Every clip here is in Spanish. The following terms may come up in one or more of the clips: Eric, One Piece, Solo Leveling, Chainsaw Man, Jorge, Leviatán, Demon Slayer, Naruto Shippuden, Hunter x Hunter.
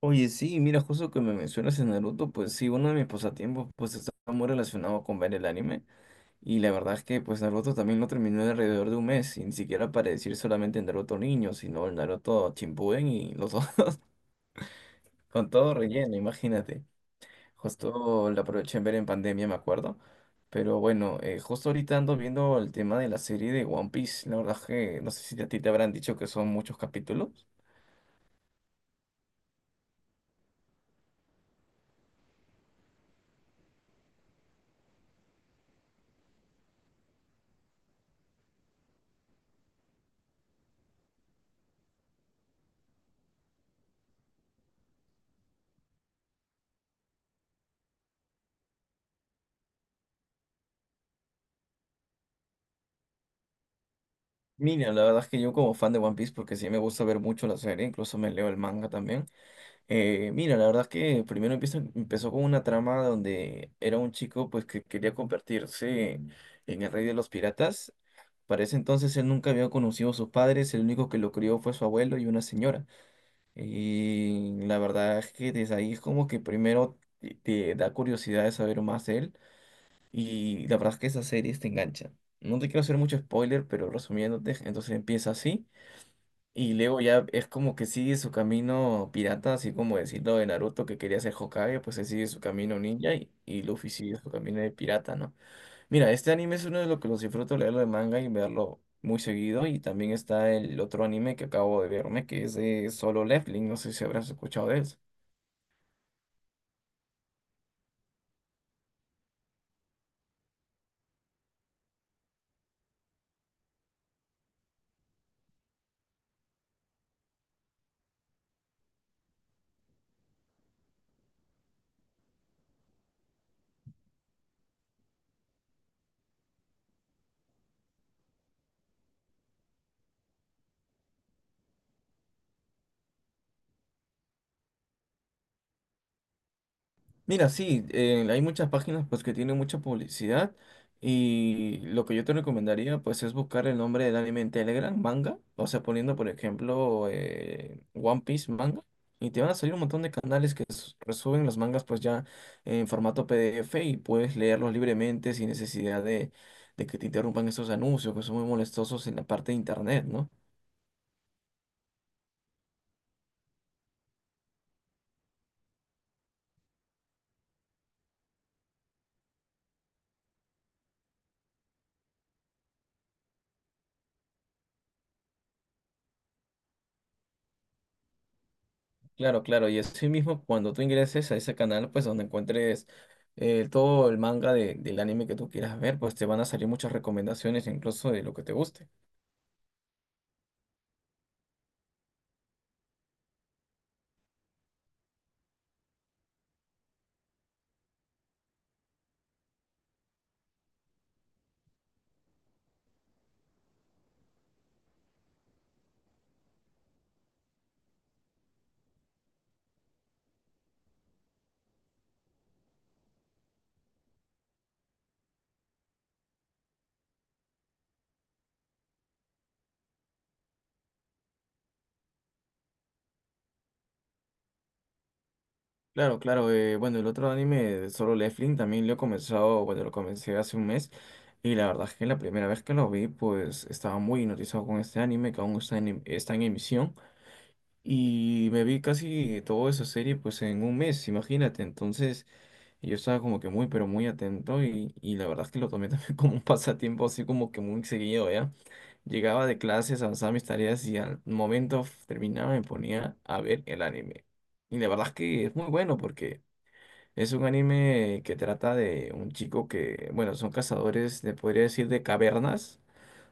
Oye, sí, mira, justo que me mencionas en Naruto, pues sí, uno de mis pasatiempos pues está muy relacionado con ver el anime y la verdad es que pues Naruto también lo terminé en alrededor de un mes y ni siquiera para decir solamente el Naruto niño, sino el Naruto Shippuden y los dos con todo relleno, imagínate. Justo lo aproveché en ver en pandemia, me acuerdo, pero bueno, justo ahorita ando viendo el tema de la serie de One Piece, la verdad es que no sé si a ti te habrán dicho que son muchos capítulos. Mira, la verdad es que yo como fan de One Piece, porque sí me gusta ver mucho la serie, incluso me leo el manga también. Mira, la verdad es que empezó con una trama donde era un chico pues que quería convertirse en el rey de los piratas. Para ese entonces él nunca había conocido a sus padres, el único que lo crió fue su abuelo y una señora. Y la verdad es que desde ahí es como que primero te da curiosidad de saber más de él y la verdad es que esas series te enganchan. No te quiero hacer mucho spoiler, pero resumiéndote, entonces empieza así. Y luego ya es como que sigue su camino pirata, así como decirlo de Naruto que quería ser Hokage, pues él sigue su camino ninja y Luffy sigue su camino de pirata, ¿no? Mira, este anime es uno de los que los disfruto leerlo de manga y verlo muy seguido. Y también está el otro anime que acabo de verme, que es de Solo Leveling, no sé si habrás escuchado de él. Mira, sí, hay muchas páginas pues que tienen mucha publicidad y lo que yo te recomendaría pues es buscar el nombre del anime en Telegram, manga, o sea, poniendo por ejemplo One Piece manga y te van a salir un montón de canales que resuben los mangas pues ya en formato PDF y puedes leerlos libremente sin necesidad de que te interrumpan esos anuncios que son muy molestosos en la parte de internet, ¿no? Claro, claro, y así mismo cuando tú ingreses a ese canal, pues donde encuentres todo el manga del anime que tú quieras ver, pues te van a salir muchas recomendaciones incluso de lo que te guste. Claro, claro, bueno, el otro anime de Solo Leveling también lo he comenzado, bueno, lo comencé hace un mes y la verdad es que la primera vez que lo vi, pues estaba muy hipnotizado con este anime que aún está en emisión. Y me vi casi toda esa serie pues en un mes, imagínate. Entonces yo estaba como que muy, pero muy atento y la verdad es que lo tomé también como un pasatiempo así como que muy seguido, ¿ya? Llegaba de clases, avanzaba mis tareas y al momento terminaba me ponía a ver el anime. Y la verdad es que es muy bueno porque es un anime que trata de un chico que, bueno, son cazadores, de, podría decir, de cavernas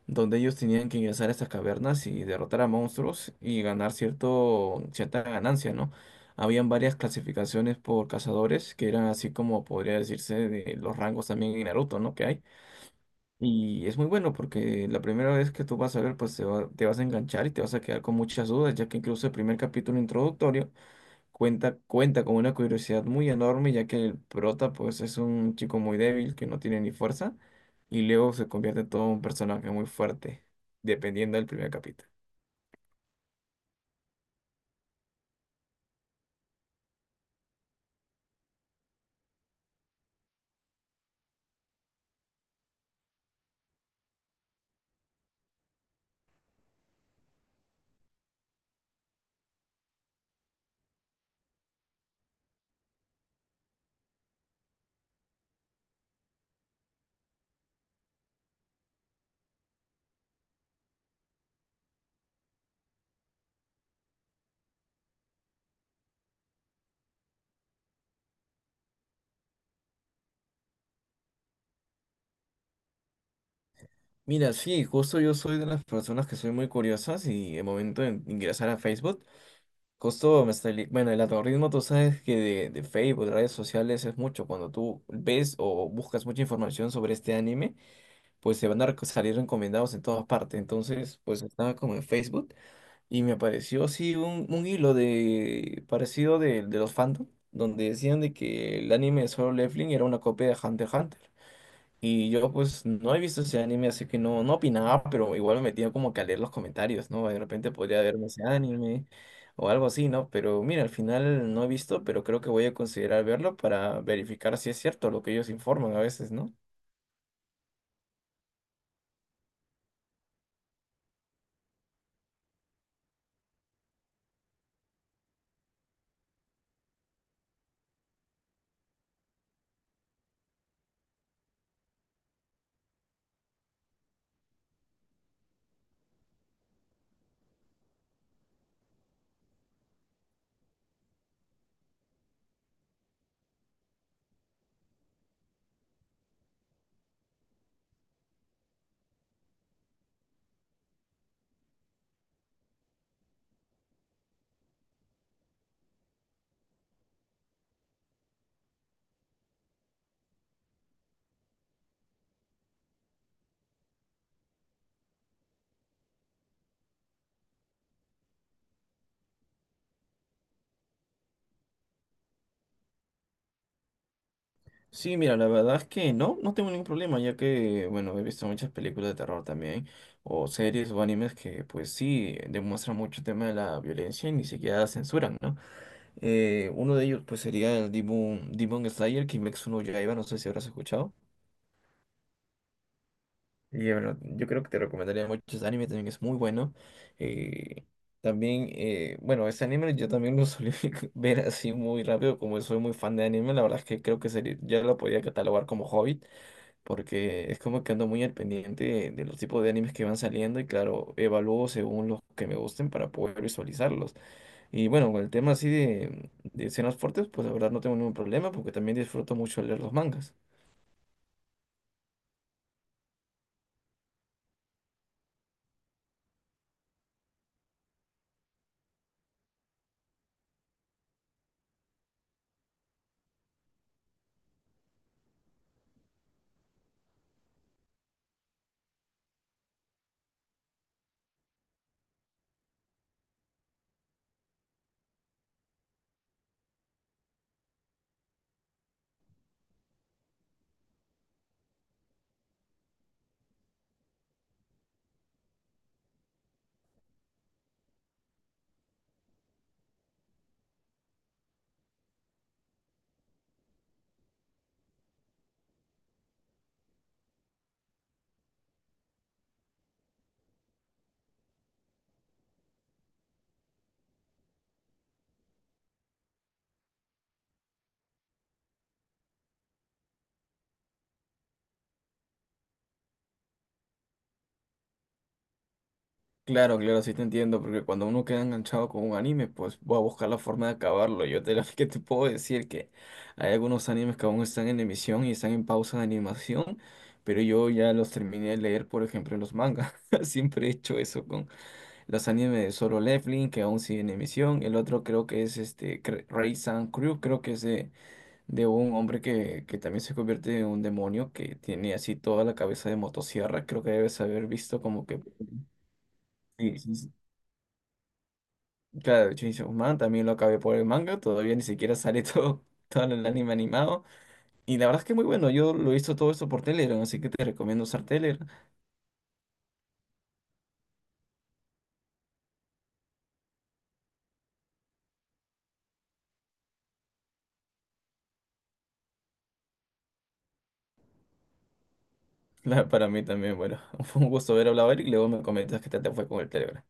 donde ellos tenían que ingresar a estas cavernas y derrotar a monstruos y ganar cierta ganancia, ¿no? Habían varias clasificaciones por cazadores, que eran así como podría decirse de los rangos también en Naruto, ¿no? Que hay. Y es muy bueno porque la primera vez que tú vas a ver, pues te vas a enganchar y te vas a quedar con muchas dudas, ya que incluso el primer capítulo introductorio cuenta con una curiosidad muy enorme, ya que el prota pues es un chico muy débil que no tiene ni fuerza y luego se convierte en todo un personaje muy fuerte, dependiendo del primer capítulo. Mira, sí, justo yo soy de las personas que soy muy curiosas y el momento de ingresar a Facebook, justo me salí, bueno, el algoritmo tú sabes que de Facebook, de redes sociales es mucho, cuando tú ves o buscas mucha información sobre este anime, pues se van a salir recomendados en todas partes, entonces pues estaba como en Facebook. Y me apareció así un hilo de parecido de los fandom, donde decían de que el anime de Solo Leveling era una copia de Hunter x Hunter. Y yo pues no he visto ese anime, así que no opinaba, pero igual me metía como que a leer los comentarios, ¿no? De repente podría verme ese anime o algo así, ¿no? Pero mira, al final no he visto, pero creo que voy a considerar verlo para verificar si es cierto lo que ellos informan a veces, ¿no? Sí, mira, la verdad es que no tengo ningún problema, ya que, bueno, he visto muchas películas de terror también, o series o animes que, pues sí, demuestran mucho el tema de la violencia y ni siquiera censuran, ¿no? Uno de ellos, pues, sería el Demon Slayer, Kimetsu no Yaiba, no sé si habrás escuchado. Y bueno, yo creo que te recomendaría mucho ese anime, también es muy bueno. Eh, también, bueno, ese anime yo también lo solía ver así muy rápido, como soy muy fan de anime, la verdad es que creo que sería, ya lo podía catalogar como hobby porque es como que ando muy al pendiente de los tipos de animes que van saliendo y claro, evalúo según los que me gusten para poder visualizarlos. Y bueno, con el tema así de escenas fuertes, pues la verdad no tengo ningún problema porque también disfruto mucho leer los mangas. Claro, claro, sí te entiendo, porque cuando uno queda enganchado con un anime, pues va a buscar la forma de acabarlo. Que te puedo decir que hay algunos animes que aún están en emisión y están en pausa de animación, pero yo ya los terminé de leer, por ejemplo, en los mangas. Siempre he hecho eso. Los animes de Solo Leveling, que aún sigue en emisión. El otro creo que es este Ray San Crew, creo que es de un hombre que también se convierte en un demonio, que tiene así toda la cabeza de motosierra. Creo que debes haber visto como que... Sí, sí, sí. Claro, Chainsaw Man también lo acabé por el manga, todavía ni siquiera sale todo, todo el anime animado. Y la verdad es que muy bueno, yo lo he visto todo esto por Telegram, así que te recomiendo usar Telegram. Para mí también, bueno, fue un gusto haber hablado, Eric, y luego me comentas qué tal te fue con el Telegram.